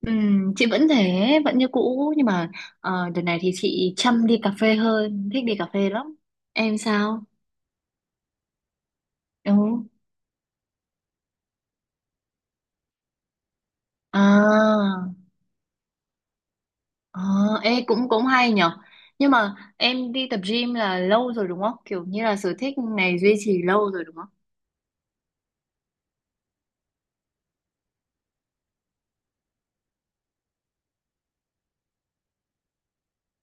Chị vẫn thế, vẫn như cũ nhưng mà đợt này thì chị chăm đi cà phê hơn, thích đi cà phê lắm. Em sao? Ừ. À, à, ê, cũng cũng hay nhở. Nhưng mà em đi tập gym là lâu rồi đúng không? Kiểu như là sở thích này duy trì lâu rồi đúng không?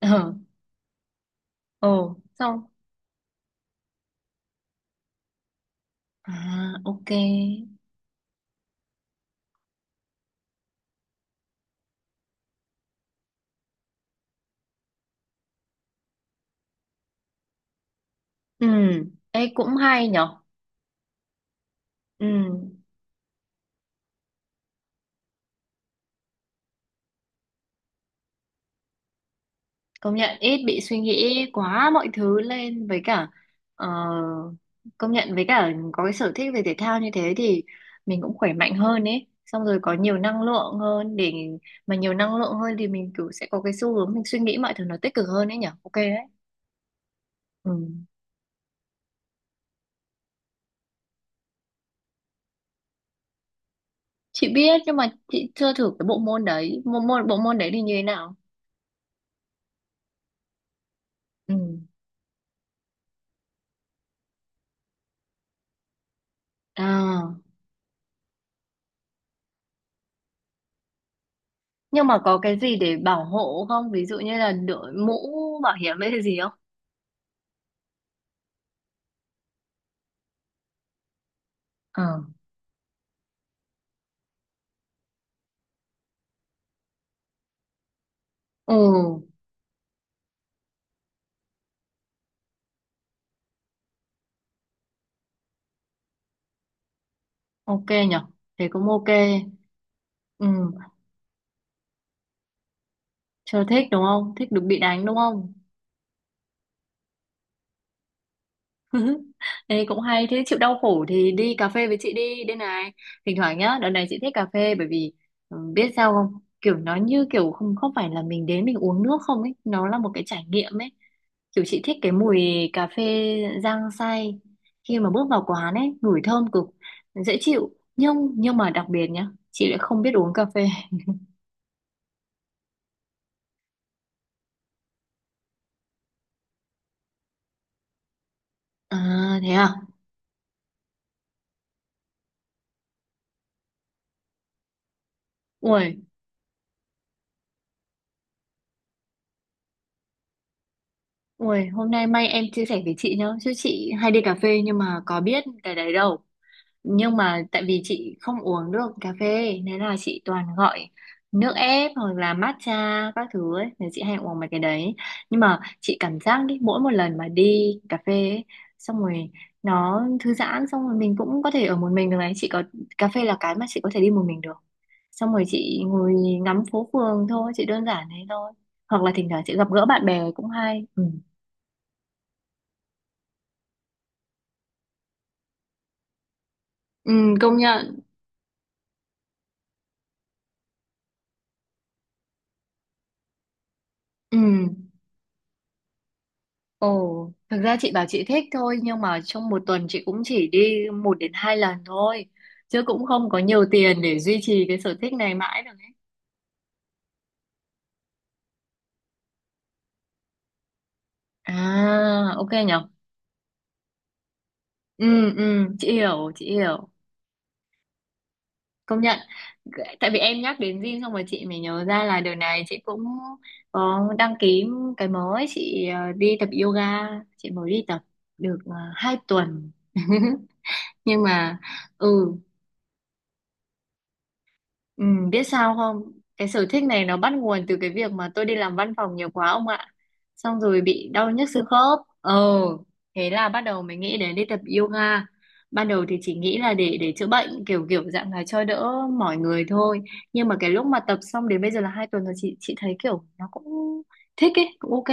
Ờ, ồ, xong. À, ok. Ừ, ê cũng hay nhở. Ừ. Công nhận ít bị suy nghĩ quá mọi thứ lên với cả ờ, công nhận với cả có cái sở thích về thể thao như thế thì mình cũng khỏe mạnh hơn ấy, xong rồi có nhiều năng lượng hơn để mà nhiều năng lượng hơn thì mình kiểu sẽ có cái xu hướng mình suy nghĩ mọi thứ nó tích cực hơn ấy nhở, ok đấy. Ừ. Chị biết nhưng mà chị chưa thử cái bộ môn đấy, bộ môn đấy thì như thế nào? Ừ. À, nhưng mà có cái gì để bảo hộ không, ví dụ như là đội mũ bảo hiểm hay cái gì không? Ờ. Ừ. Ok nhở. Thế cũng ok. Ừ, chưa thích đúng không? Thích được bị đánh đúng không? Thế cũng hay. Thế chịu đau khổ thì đi cà phê với chị đi. Đây này, thỉnh thoảng nhá. Đợt này chị thích cà phê bởi vì biết sao không? Kiểu nó như kiểu không không phải là mình đến mình uống nước không ấy. Nó là một cái trải nghiệm ấy. Kiểu chị thích cái mùi cà phê rang xay. Khi mà bước vào quán ấy, ngửi thơm cực, dễ chịu. Nhưng mà đặc biệt nhá, chị lại không biết uống cà phê. À thế à? Ui, ui, hôm nay may em chia sẻ với chị nhá, chứ chị hay đi cà phê nhưng mà có biết cái đấy đâu. Nhưng mà tại vì chị không uống được cà phê nên là chị toàn gọi nước ép hoặc là matcha các thứ ấy, nên chị hay uống mấy cái đấy. Nhưng mà chị cảm giác đi mỗi một lần mà đi cà phê ấy, xong rồi nó thư giãn, xong rồi mình cũng có thể ở một mình được này, chị có cà phê là cái mà chị có thể đi một mình được. Xong rồi chị ngồi ngắm phố phường thôi, chị đơn giản thế thôi. Hoặc là thỉnh thoảng chị gặp gỡ bạn bè cũng hay. Ừ. Ừ, công nhận. Ừ. Ồ, thực ra chị bảo chị thích thôi nhưng mà trong một tuần chị cũng chỉ đi 1 đến 2 lần thôi. Chứ cũng không có nhiều tiền để duy trì cái sở thích này mãi được ấy. À, ok nhở. Ừ, ừ, chị hiểu, chị hiểu. Công nhận. Tại vì em nhắc đến gym xong rồi chị mới nhớ ra là đợt này chị cũng có đăng ký cái mới. Chị đi tập yoga, chị mới đi tập được 2 tuần. Nhưng mà ừ Ừ, biết sao không? Cái sở thích này nó bắt nguồn từ cái việc mà tôi đi làm văn phòng nhiều quá ông ạ. Xong rồi bị đau nhức xương khớp. Ờ, thế là bắt đầu mới nghĩ đến đi tập yoga. Ban đầu thì chỉ nghĩ là để chữa bệnh kiểu kiểu dạng là cho đỡ mỏi người thôi. Nhưng mà cái lúc mà tập xong đến bây giờ là 2 tuần rồi, chị thấy kiểu nó cũng thích ấy, cũng ok.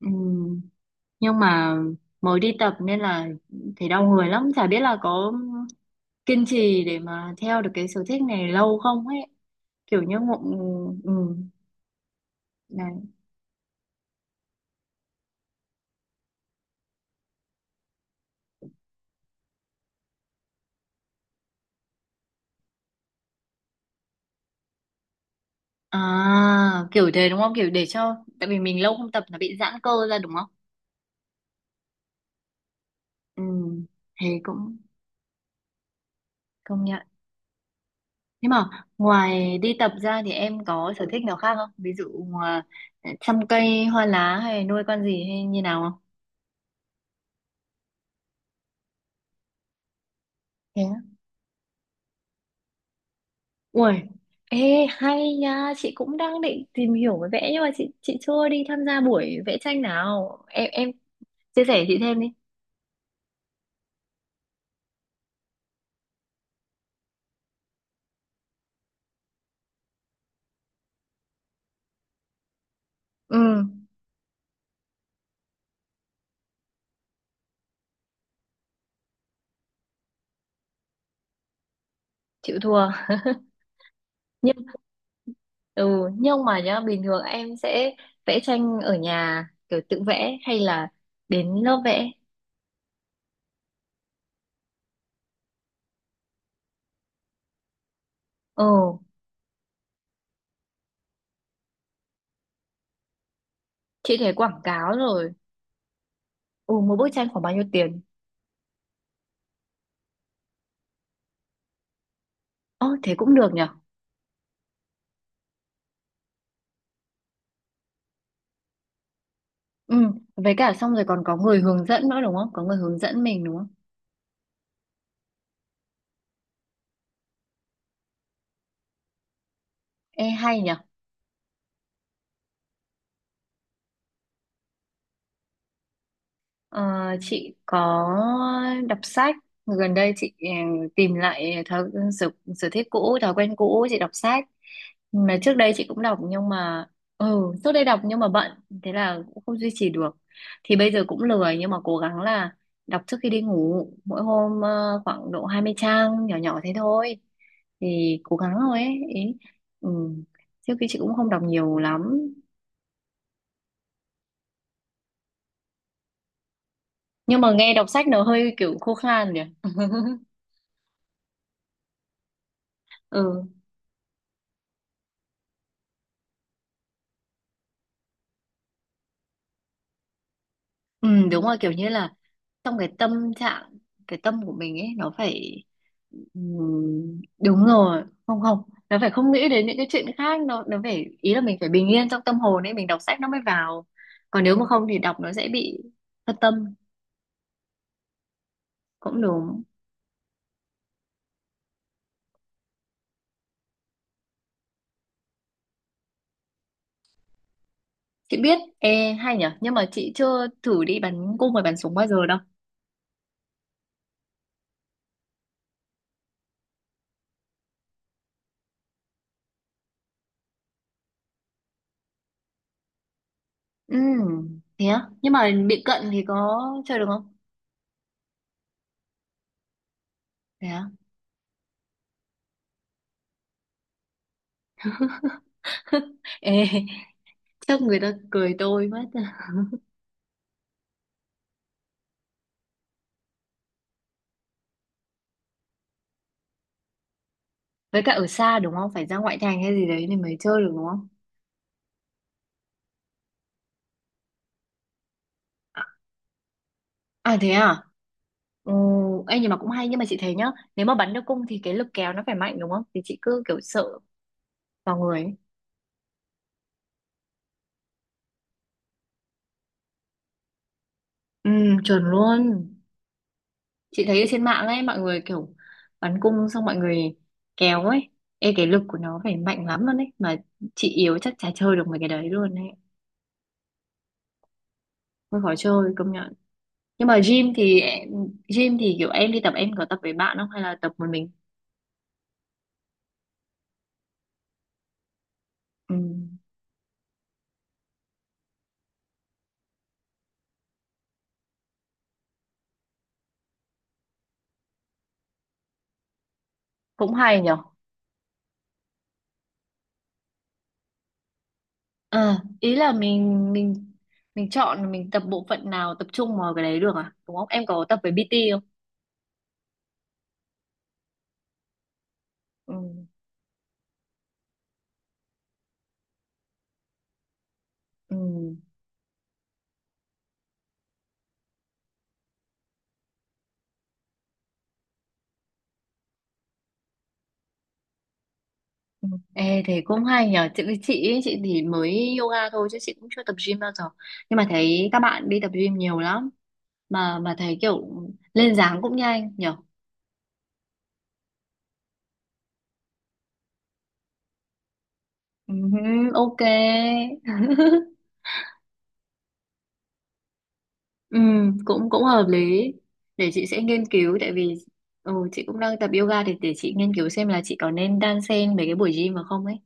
Ừ, nhưng mà mới đi tập nên là thấy đau người lắm, chả biết là có kiên trì để mà theo được cái sở thích này lâu không ấy. Kiểu như ngộ. Ừ, này. À kiểu thế đúng không, kiểu để cho, tại vì mình lâu không tập nó bị giãn cơ ra đúng không. Ừ, thế cũng công nhận. Nhưng mà ngoài đi tập ra thì em có sở thích nào khác không, ví dụ à, chăm cây hoa lá hay nuôi con gì hay như nào không? Thế á? Ui, ê hay nha, chị cũng đang định tìm hiểu về vẽ nhưng mà chị chưa đi tham gia buổi vẽ tranh nào. Em chia sẻ chị thêm đi. Ừ. Chịu thua. Nhưng ừ nhưng mà nhá, bình thường em sẽ vẽ tranh ở nhà kiểu tự vẽ hay là đến lớp vẽ? Ừ. Chị thấy quảng cáo rồi. Ừ, một bức tranh khoảng bao nhiêu tiền? Ồ, thế cũng được nhở. Ừ, với cả xong rồi còn có người hướng dẫn nữa đúng không, có người hướng dẫn mình đúng không? Ê, hay nhở. Ờ, chị có đọc sách. Gần đây chị tìm lại thói sở, sở thích cũ, thói quen cũ, chị đọc sách, mà trước đây chị cũng đọc nhưng mà trước đây đọc nhưng mà bận, thế là cũng không duy trì được. Thì bây giờ cũng lười nhưng mà cố gắng là đọc trước khi đi ngủ mỗi hôm khoảng độ 20 trang nhỏ nhỏ thế thôi, thì cố gắng thôi ấy ý. Ừ. Trước khi chị cũng không đọc nhiều lắm, nhưng mà nghe đọc sách nó hơi kiểu khô khan nhỉ. ừ Ừ, đúng rồi, kiểu như là trong cái tâm trạng, cái tâm của mình ấy nó phải ừ, đúng rồi, không không, nó phải không nghĩ đến những cái chuyện khác, nó phải ý là mình phải bình yên trong tâm hồn ấy mình đọc sách nó mới vào. Còn nếu mà không thì đọc nó sẽ bị phân tâm. Cũng đúng. Chị biết, ê hay nhở, nhưng mà chị chưa thử đi bắn cung và bắn súng bao giờ đâu. Ừ, thế á? Nhưng mà bị cận thì có chơi được không? Thế á? Ê, chắc người ta cười tôi mất. Với cả ở xa đúng không? Phải ra ngoại thành hay gì đấy thì mới chơi được đúng không? À, à thế à? Ừ, ê, nhưng mà cũng hay, nhưng mà chị thấy nhá, nếu mà bắn được cung thì cái lực kéo nó phải mạnh đúng không, thì chị cứ kiểu sợ vào người ấy. Ừ, chuẩn luôn. Chị thấy ở trên mạng ấy mọi người kiểu bắn cung xong mọi người kéo ấy. Ê, cái lực của nó phải mạnh lắm luôn ấy, mà chị yếu chắc chả chơi được mấy cái đấy luôn ấy. Hơi khó chơi, công nhận. Nhưng mà gym thì kiểu em đi tập, em có tập với bạn không hay là tập một mình? Ừ, cũng hay nhở. À ý là mình chọn, mình tập bộ phận nào tập trung vào cái đấy được à đúng không, em có tập với PT không? Ừ. Ừ, ừ. Ê, thế cũng hay nhờ chị ấy, chị thì mới yoga thôi chứ chị cũng chưa tập gym bao giờ. Nhưng mà thấy các bạn đi tập gym nhiều lắm, mà thấy kiểu lên dáng cũng nhanh nhở. Ừ, ok. Ừ, cũng cũng hợp lý, để chị sẽ nghiên cứu, tại vì chị cũng đang tập yoga thì để chị nghiên cứu xem là chị có nên đan xen mấy cái buổi gym mà không ấy.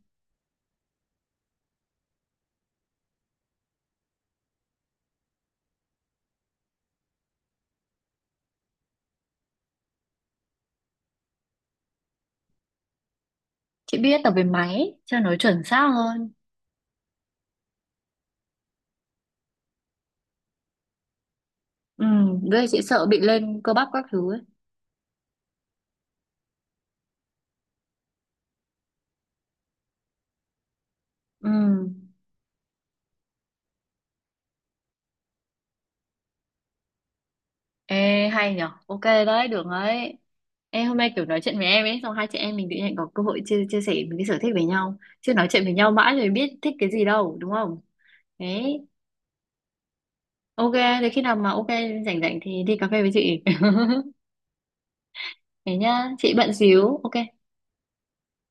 Chị biết, tập về máy cho nó chuẩn xác hơn. Ừ, với lại chị sợ bị lên cơ bắp các thứ ấy. Ừ. Ê, hay nhở, ok đấy, được đấy. Ê, hôm nay kiểu nói chuyện với em ấy, xong hai chị em mình tự nhiên có cơ hội chia chia sẻ những cái sở thích với nhau, chứ nói chuyện với nhau mãi rồi biết thích cái gì đâu đúng không. Đấy. Ok, thì khi nào mà ok rảnh rảnh thì đi cà phê với chị. Thế nhá, chị bận xíu. Ok.